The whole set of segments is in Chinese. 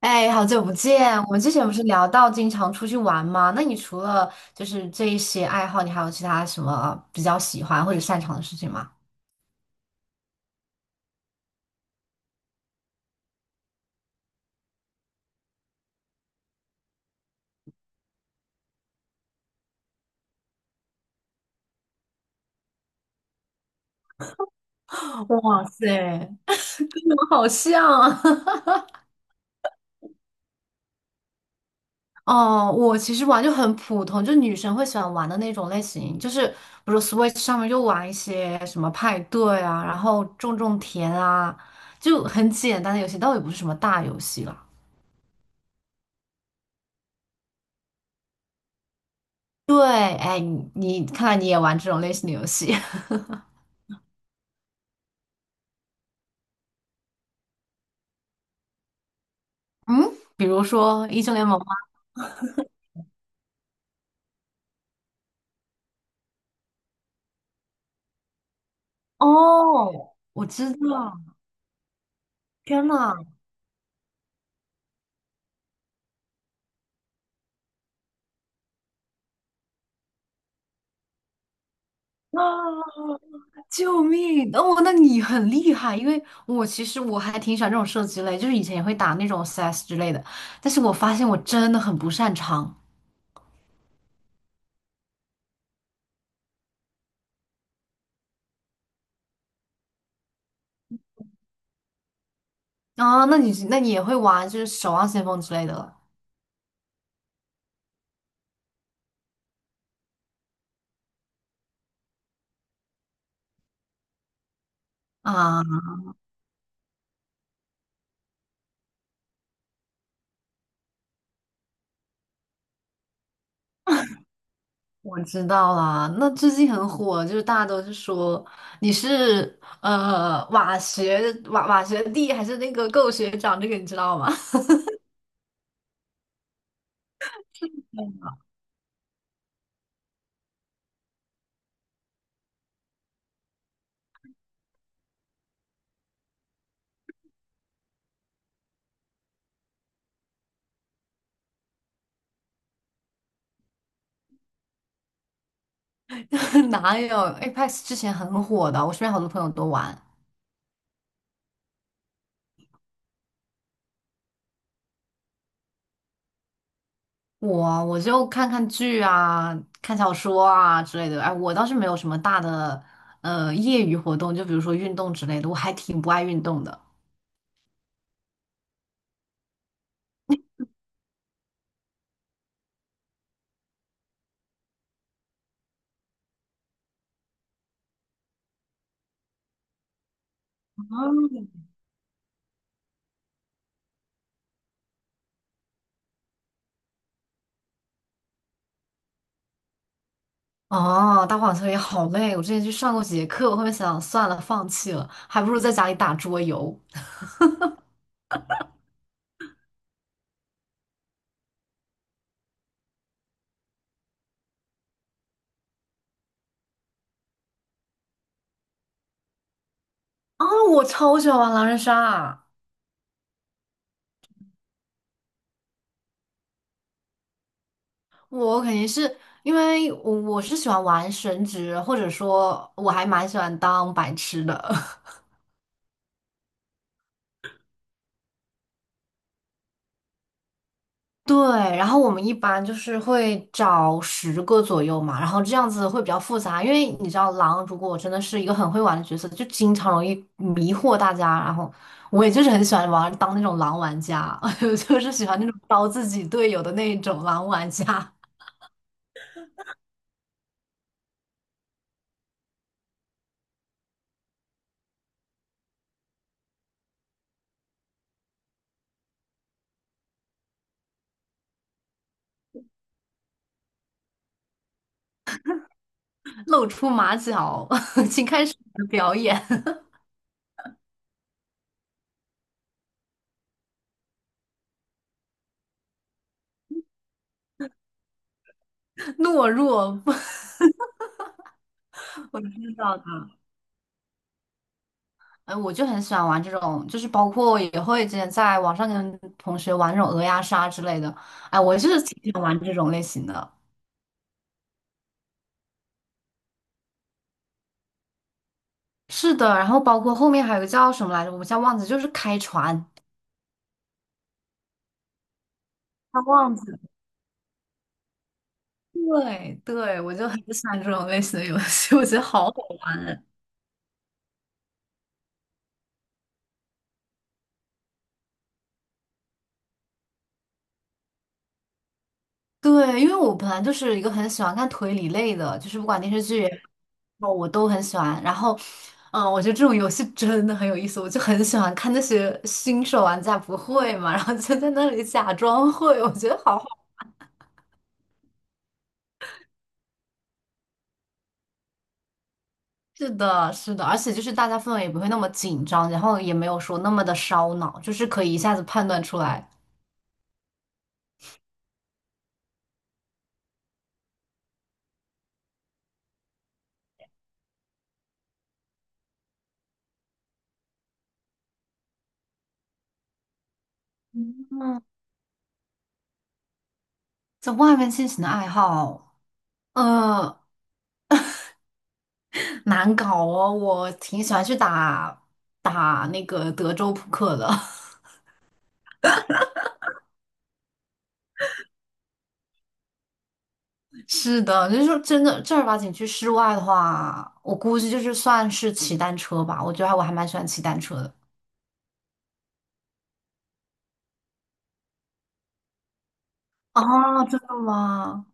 哎，好久不见！我们之前不是聊到经常出去玩吗？那你除了这一些爱好，你还有其他什么比较喜欢或者擅长的事情吗？哇塞，我们好像啊！哦，我其实玩就很普通，就女生会喜欢玩的那种类型，就是比如 Switch 上面就玩一些什么派对啊，然后种种田啊，就很简单的游戏，倒也不是什么大游戏了。对，哎，你看来你也玩这种类型的游戏，嗯，比如说英雄联盟。哦，我知道，天呐，啊，救命！哦，那你很厉害，因为我其实还挺喜欢这种射击类，就是以前也会打那种 CS 之类的，但是我发现我真的很不擅长啊。那你也会玩就是守望先锋之类的了啊？我知道啦，那最近很火，就是大家都是说你是瓦学学弟还是那个够学长，这个你知道吗？哪有， Apex 之前很火的，我身边好多朋友都玩。我就看看剧啊，看小说啊之类的。哎，我倒是没有什么大的业余活动，就比如说运动之类的，我还挺不爱运动的。哦哦，打网球也好累，我之前去上过几节课，我后面想想算了，放弃了，还不如在家里打桌游。啊，我超喜欢玩狼人杀啊，我肯定是因为我是喜欢玩神职，或者说我还蛮喜欢当白痴的。对，然后我们一般就是会找十个左右嘛，然后这样子会比较复杂，因为你知道狼如果真的是一个很会玩的角色，就经常容易迷惑大家。然后我也就是很喜欢玩当那种狼玩家，就是喜欢那种刀自己队友的那种狼玩家，露出马脚，请开始你的表演，懦弱，我知道。的。哎，我就很喜欢玩这种，就是包括我也会之前在网上跟同学玩那种鹅鸭杀之类的。哎，我就是挺喜欢玩这种类型的。是的，然后包括后面还有个叫什么来着，我们叫忘记，就是开船，叫忘记。对对，我就很喜欢这种类型的游戏，我觉得好好玩。对，因为我本来就是一个很喜欢看推理类的，就是不管电视剧也好我都很喜欢。然后，嗯，我觉得这种游戏真的很有意思，我就很喜欢看那些新手玩家不会嘛，然后就在那里假装会，我觉得好好。是的，是的，而且就是大家氛围也不会那么紧张，然后也没有说那么的烧脑，就是可以一下子判断出来。在外面进行的爱好，呃，难搞哦，我挺喜欢去打那个德州扑克的。是的，就是说真的正儿八经去室外的话，我估计就是算是骑单车吧。我觉得还我还蛮喜欢骑单车的。啊，真的吗？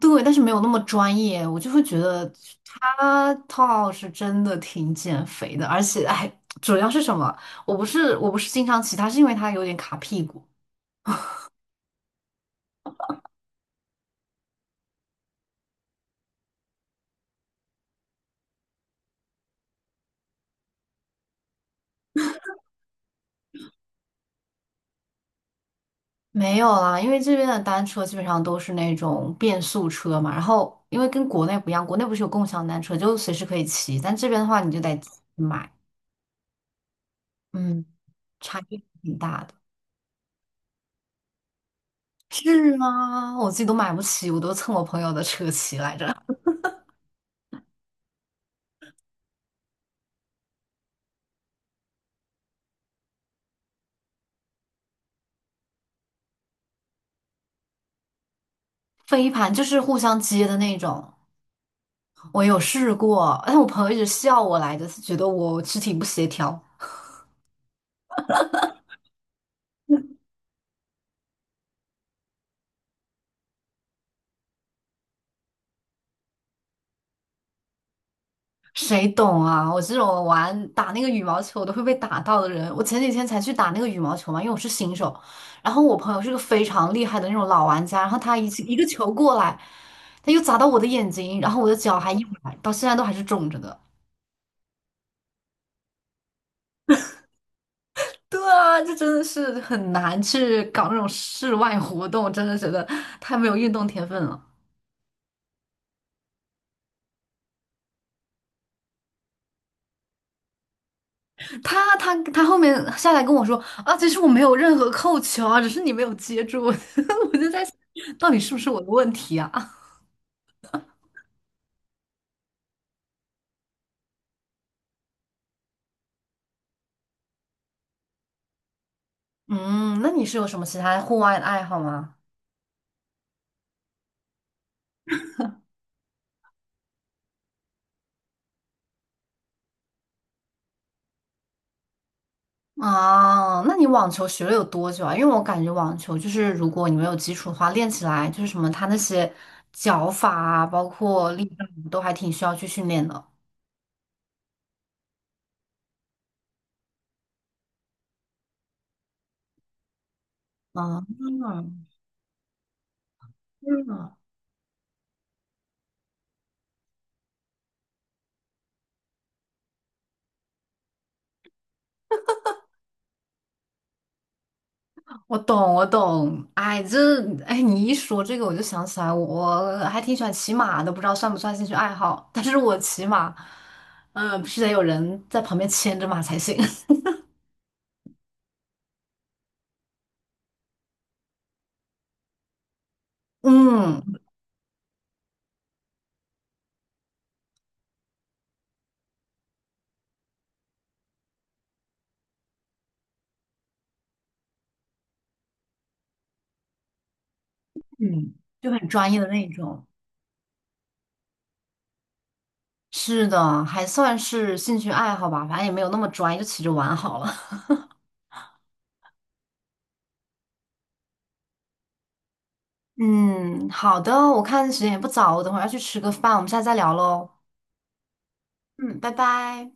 对，但是没有那么专业，我就会觉得他套是真的挺减肥的，而且还主要是什么？我不是经常骑它，是因为它有点卡屁股。没有啦，因为这边的单车基本上都是那种变速车嘛，然后因为跟国内不一样，国内不是有共享单车，就随时可以骑，但这边的话你就得自己买。嗯。差距挺大的。是吗？我自己都买不起，我都蹭我朋友的车骑来着。飞盘就是互相接的那种，我有试过，但我朋友一直笑我来着，是觉得我肢体不协调。谁懂啊？我这种玩打那个羽毛球都会被打到的人，我前几天才去打那个羽毛球嘛，因为我是新手。然后我朋友是个非常厉害的那种老玩家，然后他一个球过来，他又砸到我的眼睛，然后我的脚还一崴，到现在都还是肿着的。对啊，这真的是很难去搞那种室外活动，真的觉得太没有运动天分了。他后面下来跟我说啊，其实我没有任何扣球啊，只是你没有接住，我就在想，到底是不是我的问题啊？嗯，那你是有什么其他户外的爱好吗？啊，那你网球学了有多久啊？因为我感觉网球就是如果你没有基础的话，练起来就是什么，它那些脚法啊，包括力量都还挺需要去训练的。啊，嗯。我懂，我懂。哎，这哎，你一说这个，我就想起来，我还挺喜欢骑马的，不知道算不算兴趣爱好。但是我骑马，嗯、必须得有人在旁边牵着马才行。嗯嗯，就很专业的那种。是的，还算是兴趣爱好吧，反正也没有那么专业，就骑着玩好了。嗯，好的，我看时间也不早，我等会儿要去吃个饭，我们下次再聊喽。嗯，拜拜。